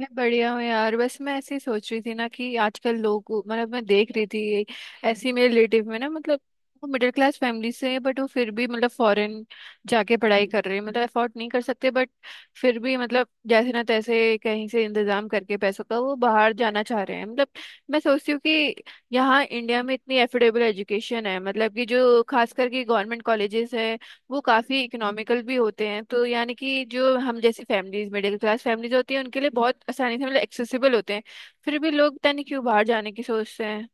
मैं बढ़िया हूँ यार। बस मैं ऐसे ही सोच रही थी ना कि आजकल लोग, मतलब, मैं देख रही थी ये ऐसी मेरे रिलेटिव में ना, मतलब, वो मिडिल क्लास फैमिली से है, बट वो फिर भी, मतलब, फॉरेन जाके पढ़ाई कर रहे हैं, मतलब अफोर्ड नहीं कर सकते, बट फिर भी, मतलब, जैसे ना तैसे कहीं से इंतजाम करके पैसों का वो बाहर जाना चाह रहे हैं। मतलब, मैं सोचती हूँ कि यहाँ इंडिया में इतनी एफोर्डेबल एजुकेशन है, मतलब कि जो खास करके गवर्नमेंट कॉलेजेस है वो काफी इकोनॉमिकल भी होते हैं, तो यानी कि जो हम जैसी फैमिलीज, मिडिल क्लास फैमिलीज होती है उनके लिए बहुत आसानी से, मतलब, एक्सेसिबल होते हैं। फिर भी लोग पता नहीं क्यों बाहर जाने की सोचते हैं।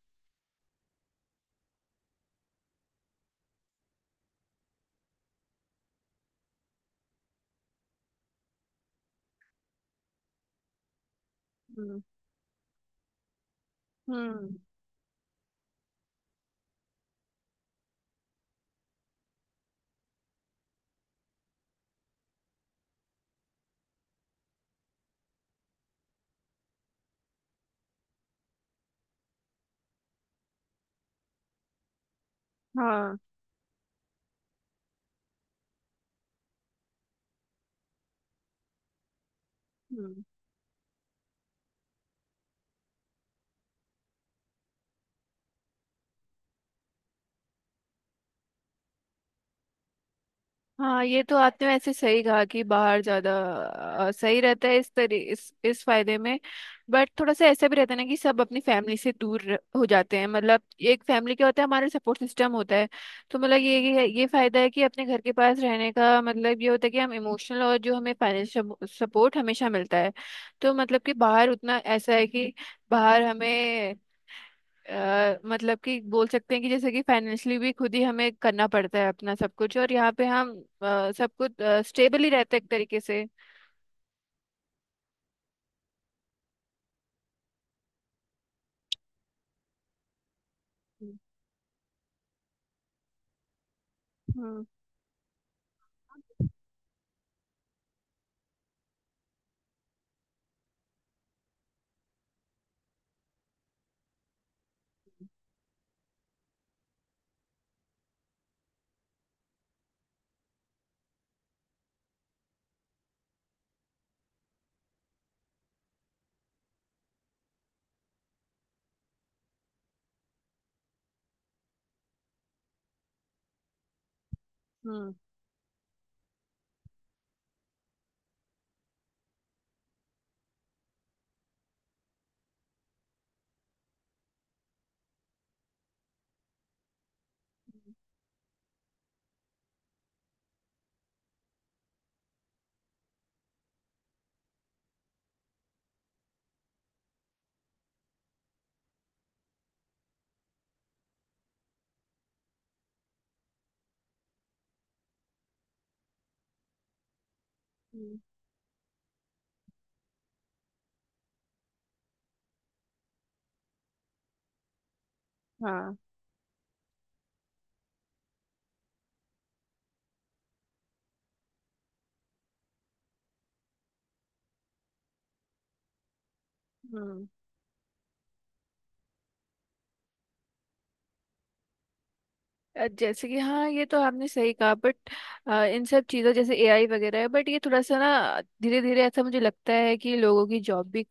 हम्म। हम्म। हाँ। हम्म। हाँ, ये तो आपने वैसे सही कहा कि बाहर ज्यादा सही रहता है इस तरी इस फायदे में। बट थोड़ा सा ऐसा भी रहता है ना कि सब अपनी फैमिली से दूर हो जाते हैं, मतलब। एक फैमिली क्या होता है, हमारा सपोर्ट सिस्टम होता है। तो मतलब ये फायदा है कि अपने घर के पास रहने का मतलब ये होता है कि हम इमोशनल और जो हमें फाइनेंशियल सपोर्ट हमेशा मिलता है। तो मतलब कि बाहर उतना ऐसा है कि बाहर हमें मतलब कि बोल सकते हैं कि जैसे कि फाइनेंशियली भी खुद ही हमें करना पड़ता है अपना सब कुछ, और यहाँ पे हम सब कुछ स्टेबल ही रहते हैं एक तरीके से। हम्म। हम्म। हम्म। हम्म, हाँ। हम्म। जैसे कि हाँ, ये तो आपने सही कहा, बट इन सब चीज़ों जैसे एआई वगैरह है, बट ये थोड़ा सा ना धीरे धीरे ऐसा मुझे लगता है कि लोगों की जॉब भी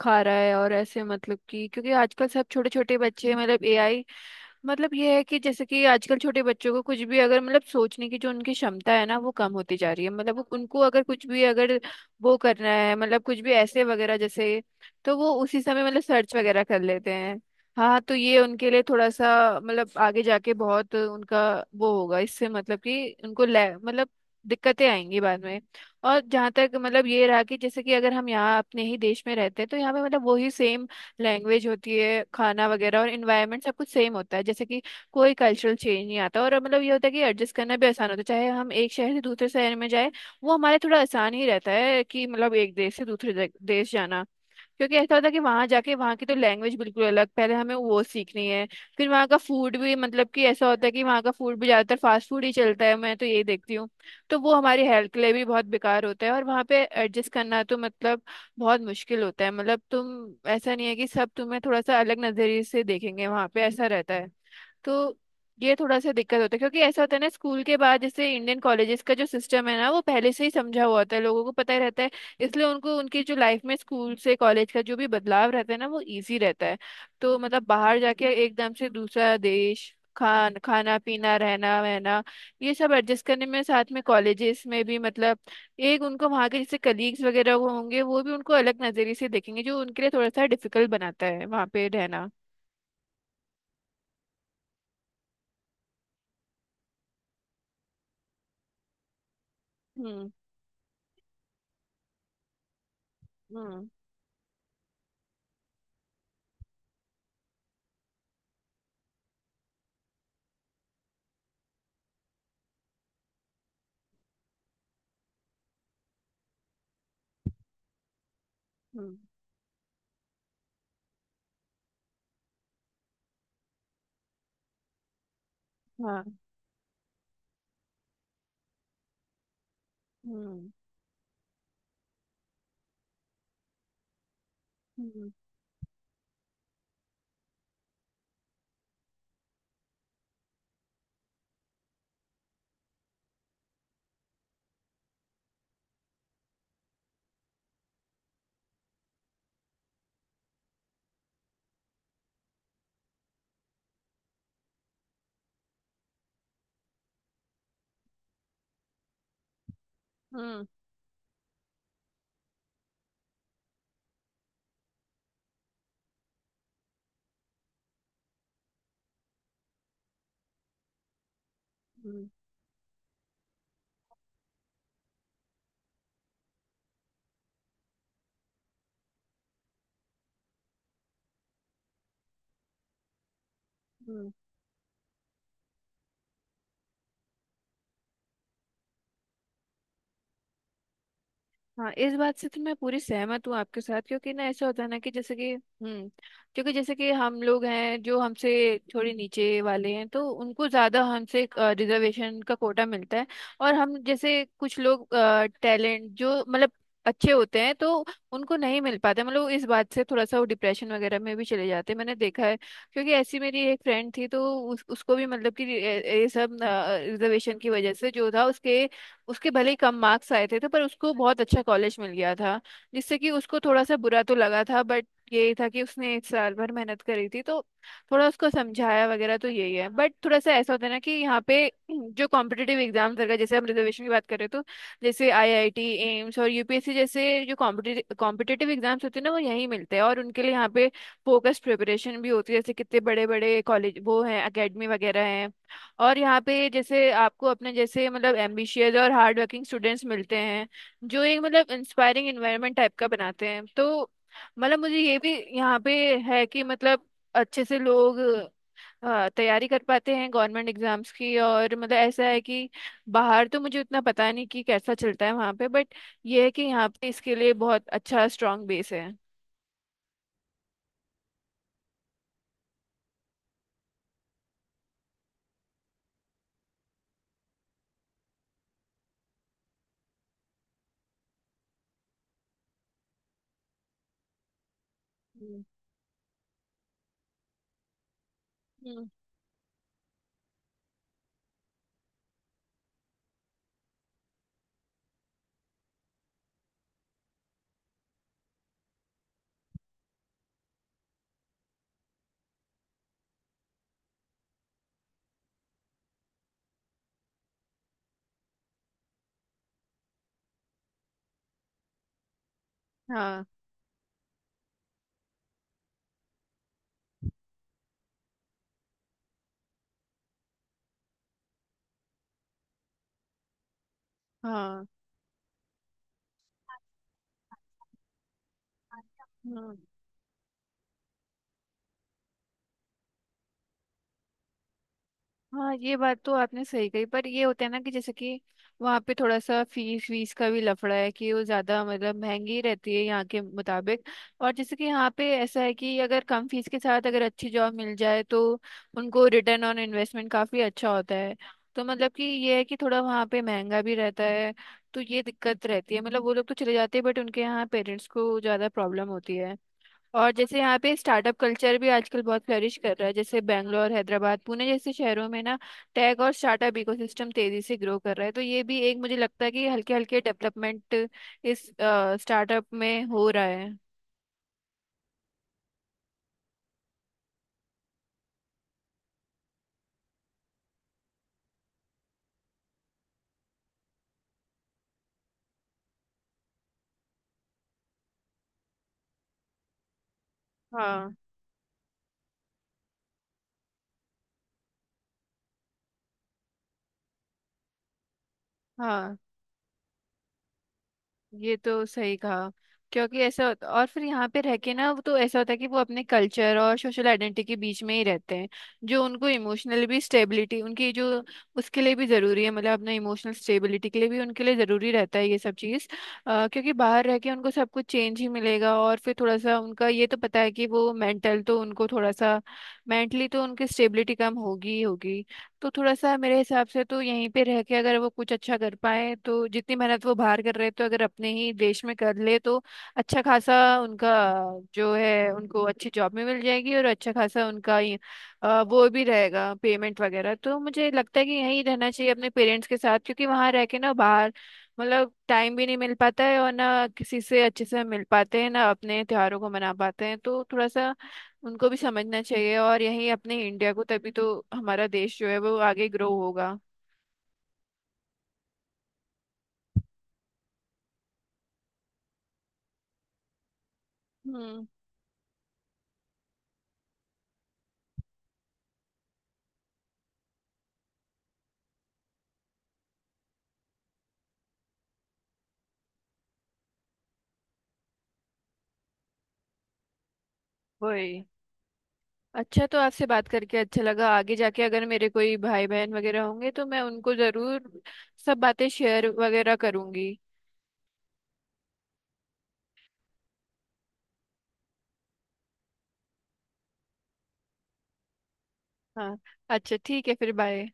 खा रहा है। और ऐसे मतलब कि क्योंकि आजकल सब छोटे छोटे बच्चे मतलब एआई, मतलब ये है कि जैसे कि आजकल छोटे बच्चों को कुछ भी अगर, मतलब, सोचने की जो उनकी क्षमता है ना वो कम होती जा रही है, मतलब वो उनको अगर कुछ भी, अगर वो करना है, मतलब कुछ भी ऐसे वगैरह जैसे, तो वो उसी समय मतलब सर्च वगैरह कर लेते हैं। हाँ, तो ये उनके लिए थोड़ा सा, मतलब, आगे जाके बहुत उनका वो होगा इससे, मतलब कि उनको ले, मतलब दिक्कतें आएंगी बाद में। और जहाँ तक मतलब ये रहा कि जैसे कि अगर हम यहाँ अपने ही देश में रहते हैं, तो यहाँ पे मतलब वही सेम लैंग्वेज होती है, खाना वगैरह और इन्वायरमेंट सब कुछ सेम होता है, जैसे कि कोई कल्चरल चेंज नहीं आता। और मतलब ये होता है कि एडजस्ट करना भी आसान होता है, चाहे हम एक शहर से दूसरे शहर में जाए, वो हमारे थोड़ा आसान ही रहता है कि मतलब एक देश से दूसरे देश जाना, क्योंकि ऐसा होता है कि वहां जाके वहां की तो लैंग्वेज बिल्कुल अलग, पहले हमें वो सीखनी है। फिर वहां का फूड भी, मतलब कि ऐसा होता है कि वहां का फूड भी ज्यादातर फास्ट फूड ही चलता है, मैं तो यही देखती हूँ। तो वो हमारी हेल्थ के लिए भी बहुत बेकार होता है, और वहां पे एडजस्ट करना तो, मतलब, बहुत मुश्किल होता है, मतलब तुम ऐसा नहीं है कि सब तुम्हें थोड़ा सा अलग नजरिए से देखेंगे वहां पे, ऐसा रहता है। तो ये थोड़ा सा दिक्कत होता है, क्योंकि ऐसा होता है ना, स्कूल के बाद जैसे इंडियन कॉलेजेस का जो सिस्टम है ना, वो पहले से ही समझा हुआ होता है, लोगों को पता ही रहता है, इसलिए उनको उनकी जो लाइफ में स्कूल से कॉलेज का जो भी बदलाव रहता है ना, वो इजी रहता है। तो मतलब बाहर जाके एकदम से दूसरा देश, खाना पीना रहना वहना, ये सब एडजस्ट करने में, साथ में कॉलेजेस में भी, मतलब एक उनको वहाँ के जैसे कलीग्स वगैरह वो होंगे, वो भी उनको अलग नज़रिए से देखेंगे, जो उनके लिए थोड़ा सा डिफिकल्ट बनाता है वहाँ पे रहना। हम्म। हम्म। हम्म। हाँ। हम्म। हम्म। हम्म। हम्म। हम्म, हाँ, इस बात से तो मैं पूरी सहमत हूँ आपके साथ, क्योंकि ना ऐसा होता है ना कि जैसे कि, हम्म, क्योंकि जैसे कि हम लोग हैं, जो हमसे थोड़े नीचे वाले हैं, तो उनको ज़्यादा हमसे रिजर्वेशन का कोटा मिलता है। और हम जैसे कुछ लोग टैलेंट जो, मतलब, अच्छे होते हैं, तो उनको नहीं मिल पाते, मतलब इस बात से थोड़ा सा वो डिप्रेशन वगैरह में भी चले जाते हैं, मैंने देखा है। क्योंकि ऐसी मेरी एक फ्रेंड थी, तो उसको भी, मतलब कि ये सब रिजर्वेशन की वजह से जो था, उसके उसके भले ही कम मार्क्स आए थे, तो पर उसको बहुत अच्छा कॉलेज मिल गया था, जिससे कि उसको थोड़ा सा बुरा तो लगा था, बट यही था कि उसने एक साल भर मेहनत करी थी, तो थोड़ा उसको समझाया वगैरह, तो यही है। बट थोड़ा सा ऐसा होता है ना कि यहाँ पे जो कॉम्पिटेटिव एग्जाम्स वगैरह, जैसे हम रिजर्वेशन की बात करें, तो जैसे आईआईटी, एम्स और यूपीएससी जैसे जो कॉम्पिटेटिव कॉम्पिटेटिव एग्जाम्स होते हैं ना, वो यहीं मिलते हैं और उनके लिए यहाँ पे फोकस प्रिपरेशन भी होती है, जैसे कितने बड़े बड़े कॉलेज वो हैं, अकेडमी वगैरह हैं। और यहाँ पे जैसे आपको अपने जैसे, मतलब, एम्बिशियस और हार्ड वर्किंग स्टूडेंट्स मिलते हैं, जो एक, मतलब, इंस्पायरिंग एनवायरनमेंट टाइप का बनाते हैं। तो मतलब मुझे ये भी यहाँ पे है कि मतलब अच्छे से लोग तैयारी कर पाते हैं गवर्नमेंट एग्जाम्स की। और मतलब ऐसा है कि बाहर तो मुझे उतना पता नहीं कि कैसा चलता है वहाँ पे, बट ये है कि यहाँ पे इसके लिए बहुत अच्छा स्ट्रांग बेस है। हम्म। हम्म। हाँ। हाँ। हम्म। हाँ, ये बात तो आपने सही कही, पर ये होता है ना कि जैसे कि वहाँ पे थोड़ा सा फीस वीस का भी लफड़ा है कि वो ज़्यादा, मतलब, महंगी रहती है यहाँ के मुताबिक। और जैसे कि यहाँ पे ऐसा है कि अगर कम फीस के साथ अगर अच्छी जॉब मिल जाए, तो उनको रिटर्न ऑन इन्वेस्टमेंट काफ़ी अच्छा होता है। तो मतलब कि ये है कि थोड़ा वहाँ पे महंगा भी रहता है, तो ये दिक्कत रहती है, मतलब वो लोग तो चले जाते हैं, बट उनके यहाँ पेरेंट्स को ज़्यादा प्रॉब्लम होती है। और जैसे यहाँ पे स्टार्टअप कल्चर भी आजकल बहुत फ्लरिश कर रहा है, जैसे बैंगलोर, हैदराबाद, पुणे जैसे शहरों में ना, टेक और स्टार्टअप इकोसिस्टम तेजी से ग्रो कर रहा है, तो ये भी एक मुझे लगता है कि हल्के हल्के डेवलपमेंट इस स्टार्टअप में हो रहा है। हाँ। हाँ, ये तो सही कहा, क्योंकि ऐसा होता, और फिर यहाँ पे रह के ना, वो तो ऐसा होता है कि वो अपने कल्चर और सोशल आइडेंटिटी के बीच में ही रहते हैं, जो उनको इमोशनल भी स्टेबिलिटी उनकी जो उसके लिए भी ज़रूरी है, मतलब अपने इमोशनल स्टेबिलिटी के लिए भी उनके लिए ज़रूरी रहता है ये सब चीज़। क्योंकि बाहर रह के उनको सब कुछ चेंज ही मिलेगा, और फिर थोड़ा सा उनका ये तो पता है कि वो मेंटल तो उनको थोड़ा सा मेंटली तो उनकी स्टेबिलिटी कम होगी ही होगी। तो थोड़ा सा मेरे हिसाब से तो यहीं पे रह के अगर वो कुछ अच्छा कर पाए, तो जितनी मेहनत वो बाहर कर रहे, तो अगर अपने ही देश में कर ले, तो अच्छा खासा उनका जो है उनको अच्छी जॉब में मिल जाएगी, और अच्छा खासा उनका वो भी रहेगा पेमेंट वगैरह। तो मुझे लगता है कि यहीं रहना चाहिए अपने पेरेंट्स के साथ, क्योंकि वहां रह के ना, बाहर मतलब टाइम भी नहीं मिल पाता है, और ना किसी से अच्छे से मिल पाते हैं, ना अपने त्योहारों को मना पाते हैं। तो थोड़ा सा उनको भी समझना चाहिए, और यही अपने इंडिया को, तभी तो हमारा देश जो है वो आगे ग्रो होगा। हम्म। वही। अच्छा, तो आपसे बात करके अच्छा लगा। आगे जाके अगर मेरे कोई भाई बहन वगैरह होंगे, तो मैं उनको जरूर सब बातें शेयर वगैरह करूंगी। हाँ। अच्छा ठीक है, फिर बाय।